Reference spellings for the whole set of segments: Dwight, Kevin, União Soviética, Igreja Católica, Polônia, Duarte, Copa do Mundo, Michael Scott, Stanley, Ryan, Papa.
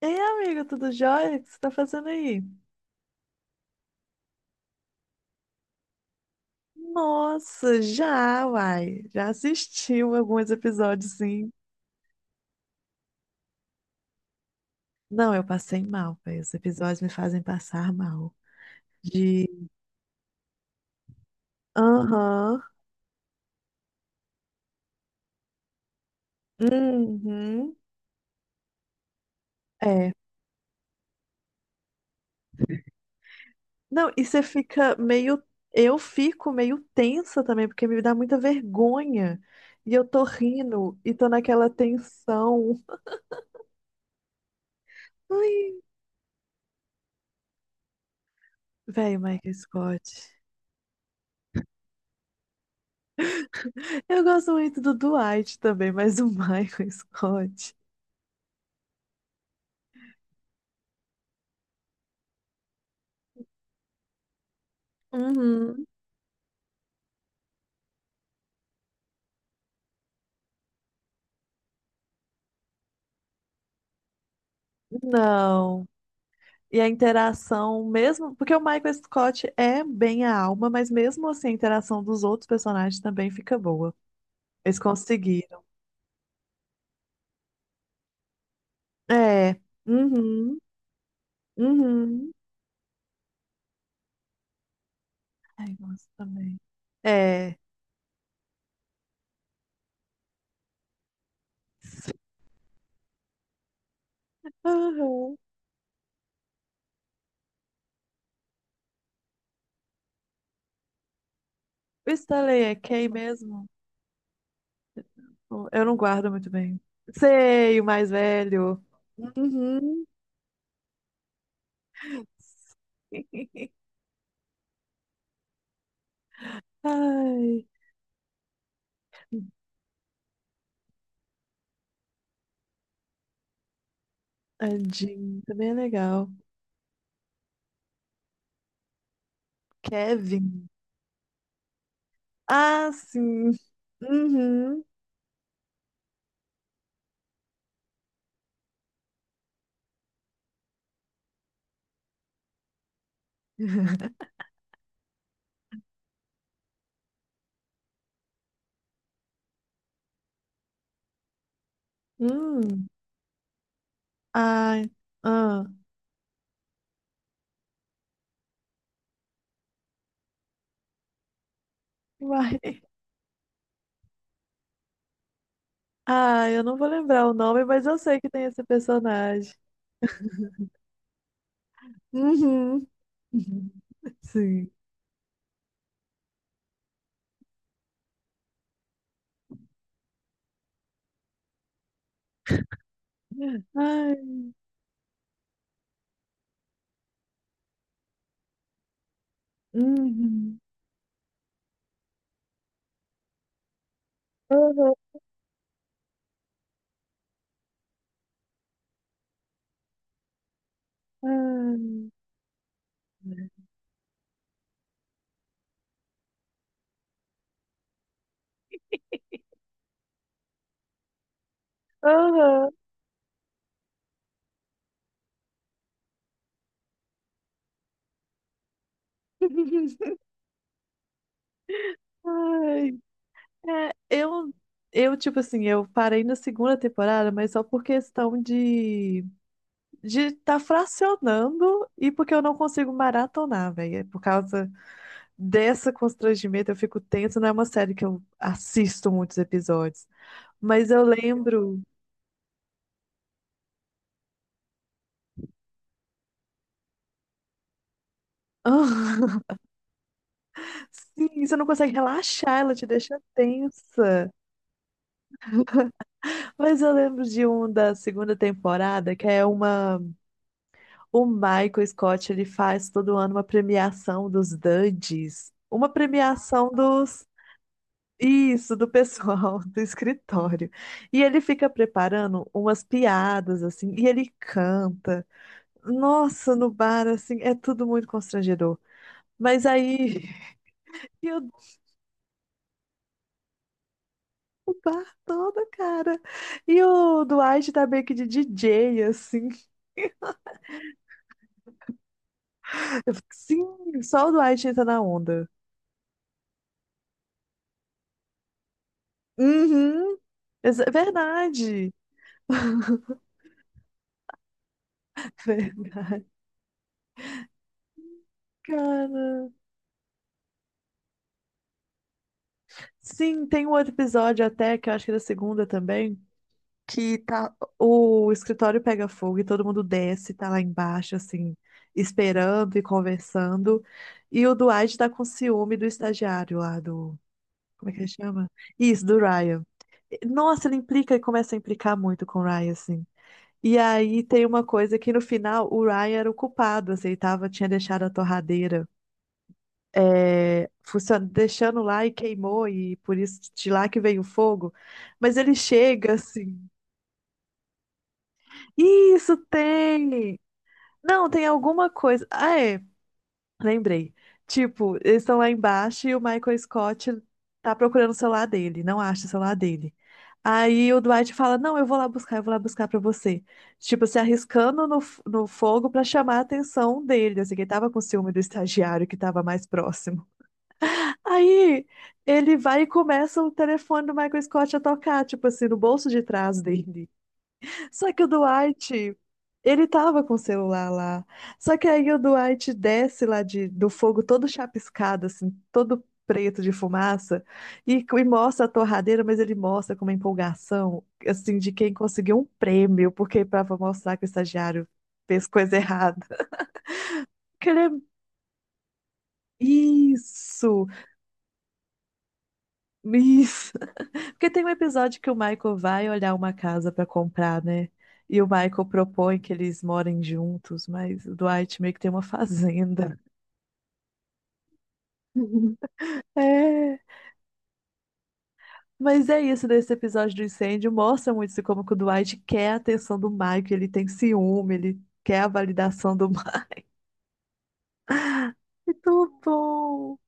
Ei, amiga, tudo jóia? O que você tá fazendo aí? Nossa, já, uai. Já assistiu alguns episódios, sim. Não, eu passei mal, velho. Os episódios me fazem passar mal. De. Aham. Uhum. É. Não, e você fica meio. Eu fico meio tensa também, porque me dá muita vergonha. E eu tô rindo e tô naquela tensão. Ai. Velho, Michael Scott. Eu gosto muito do Dwight também, mas o Michael Scott. Uhum. Não. E a interação, mesmo. Porque o Michael Scott é bem a alma, mas mesmo assim a interação dos outros personagens também fica boa. Eles conseguiram. É. Uhum. Uhum. Ai, gosto também. É. Uhum. O Stanley é quem mesmo? Eu não guardo muito bem. Sei, o mais velho. Uhum. Ai. Tadinho, também é legal. Kevin. Ah, sim. Uhum. Hum. Ai. Ah. Uai. Ah, eu não vou lembrar o nome, mas eu sei que tem esse personagem. Uhum. Uhum. Sim. Ai. Uhum. Uhum. Ai. Uhum. Ai, é, eu, tipo assim, eu parei na segunda temporada, mas só por questão de tá fracionando e porque eu não consigo maratonar, velho. É por causa desse constrangimento, eu fico tenso. Não é uma série que eu assisto muitos episódios. Mas eu lembro. Sim, você não consegue relaxar, ela te deixa tensa. Mas eu lembro de um da segunda temporada, que é uma. O Michael Scott, ele faz todo ano uma premiação dos Duds. Uma premiação dos Isso, do pessoal do escritório. E ele fica preparando umas piadas, assim, e ele canta. Nossa, no bar, assim, é tudo muito constrangedor. Mas aí, e o bar todo, cara. E o Dwight tá meio que de DJ, assim. Eu fico, sim, só o Dwight entra na onda. Uhum. exa- Verdade. Verdade. Cara. Sim, tem um outro episódio até, que eu acho que é da segunda também que tá, o escritório pega fogo e todo mundo desce, tá lá embaixo, assim, esperando e conversando. E o Dwight tá com ciúme do estagiário lá do. Como é que ele chama? Isso, do Ryan. Nossa, ele implica e começa a implicar muito com o Ryan, assim. E aí tem uma coisa que no final o Ryan era o culpado, assim, ele tava, tinha deixado a torradeira. É, funcion- deixando lá e queimou, e por isso de lá que veio o fogo. Mas ele chega assim, isso tem! Não, tem alguma coisa. Ah, é. Lembrei. Tipo, eles estão lá embaixo e o Michael Scott tá procurando o celular dele, não acha o celular dele. Aí o Dwight fala: não, eu vou lá buscar, eu vou lá buscar pra você. Tipo, se arriscando no, f- no fogo pra chamar a atenção dele. Assim, que ele tava com ciúme do estagiário que tava mais próximo. Aí ele vai e começa o telefone do Michael Scott a tocar, tipo assim, no bolso de trás dele. Só que o Duarte, ele tava com o celular lá. Só que aí o Duarte desce lá de, do fogo todo chapiscado, assim, todo preto de fumaça, e mostra a torradeira, mas ele mostra com uma empolgação, assim, de quem conseguiu um prêmio, porque para mostrar que o estagiário fez coisa errada. Que ele é... Isso! Isso! Porque tem um episódio que o Michael vai olhar uma casa pra comprar, né? E o Michael propõe que eles morem juntos, mas o Dwight meio que tem uma fazenda. É. Mas é isso desse episódio do incêndio. Mostra muito isso, como que o Dwight quer a atenção do Michael, ele tem ciúme, ele quer a validação do Michael. Muito bom!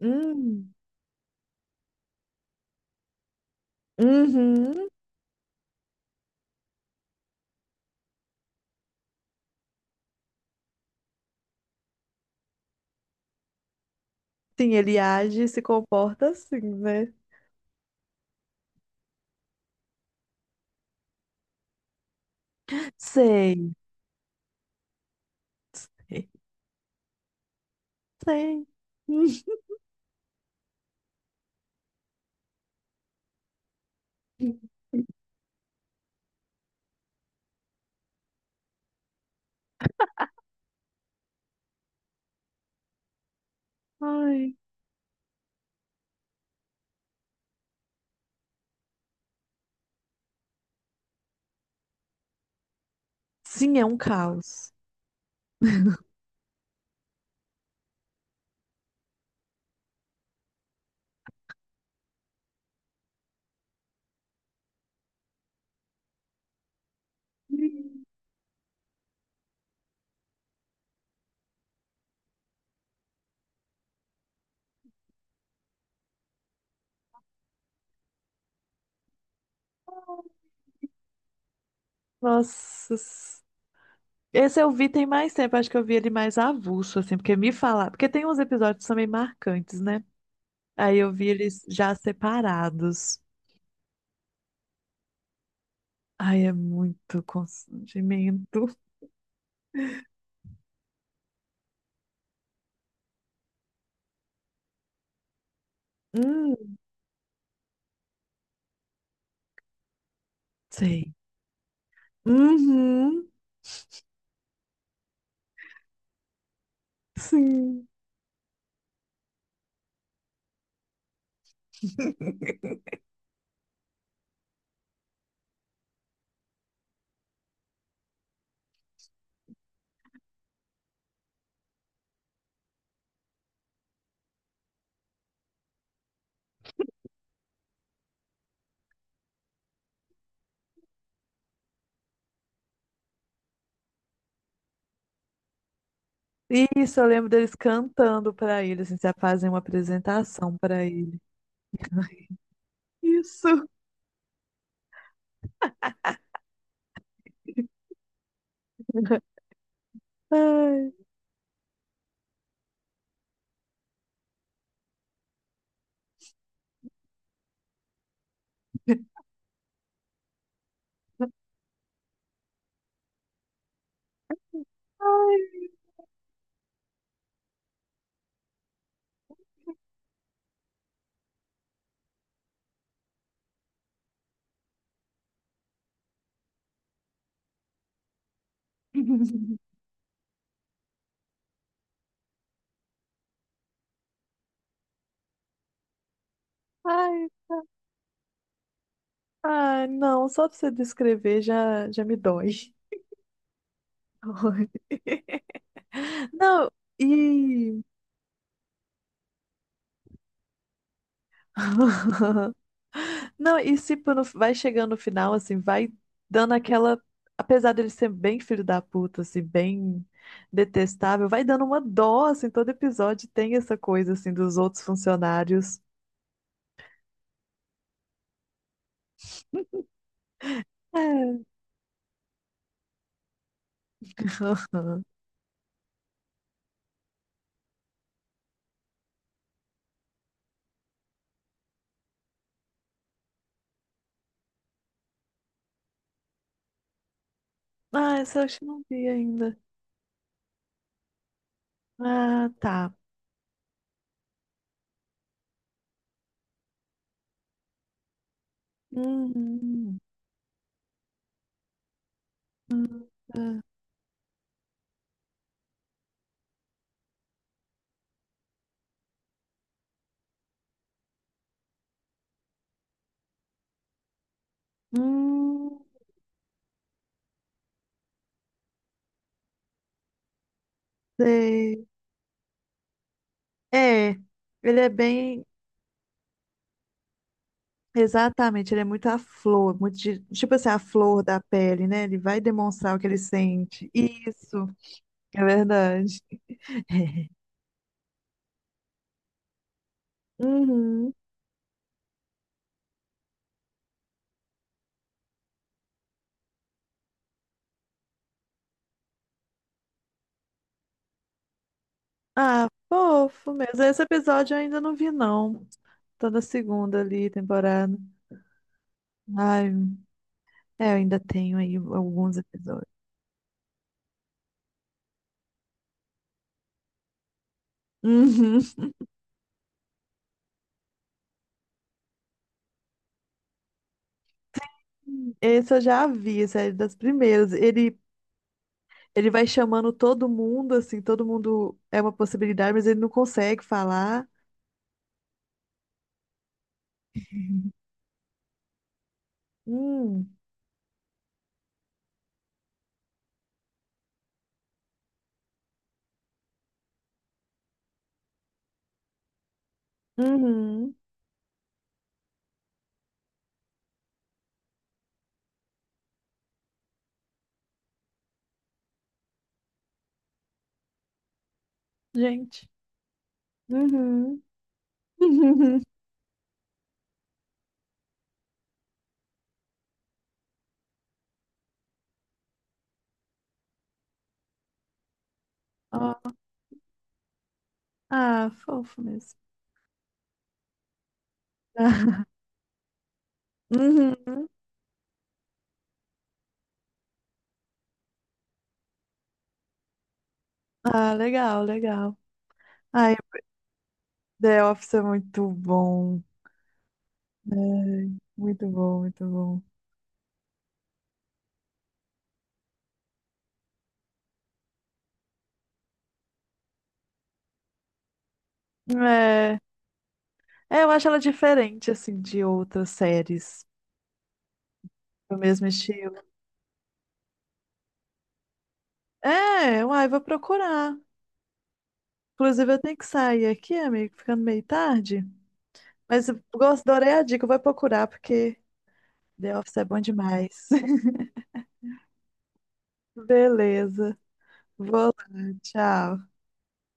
Hum. Uhum. Sim, ele age e se comporta assim, né? Sei. Sei. Hum. Ai. Sim, é um caos. Nossa. S- Esse eu vi tem mais tempo, acho que eu vi ele mais avulso, assim, porque me falar. Porque tem uns episódios também marcantes, né? Aí eu vi eles já separados. Ai, é muito constrangimento. Hum, sei. Uhum, sim. Isso, eu lembro deles cantando pra ele, assim, já fazem uma apresentação pra ele. Isso. Ai, ai. Ai. Ah, não, só de você descrever já, já me dói. Não, e. Não, e se tipo, vai chegando no final, assim, vai dando aquela. Apesar dele ser bem filho da puta, assim, bem detestável, vai dando uma dó, assim, todo episódio tem essa coisa, assim, dos outros funcionários. É. Ah, essa eu acho que não vi ainda. Ah, tá. Hum, hum, hum, hum, hum, sei. É, ele é bem. Exatamente, ele é muito a flor, muito de- tipo assim, a flor da pele, né? Ele vai demonstrar o que ele sente. Isso, é verdade. Uhum. Ah, fofo mesmo. Esse episódio eu ainda não vi, não. Tô na segunda ali, temporada. Ai, é, eu ainda tenho aí alguns episódios. Uhum. Esse eu já vi, esse é das primeiras. Ele vai chamando todo mundo, assim, todo mundo é uma possibilidade, mas ele não consegue falar. Hum, uhum, gente. Uhum. Ó, Ah, fofo mesmo. Uhum. Ah, legal, legal. Ai, The Office é muito bom. Muito bom, muito bom. É, É, eu acho ela diferente, assim, de outras séries do mesmo estilo. É, uai, vou procurar. Inclusive, eu tenho que sair aqui, amigo, ficando meio tarde. Mas eu gosto, adorei a dica, eu vou procurar, porque The Office é bom demais. Beleza. Vou lá, tchau.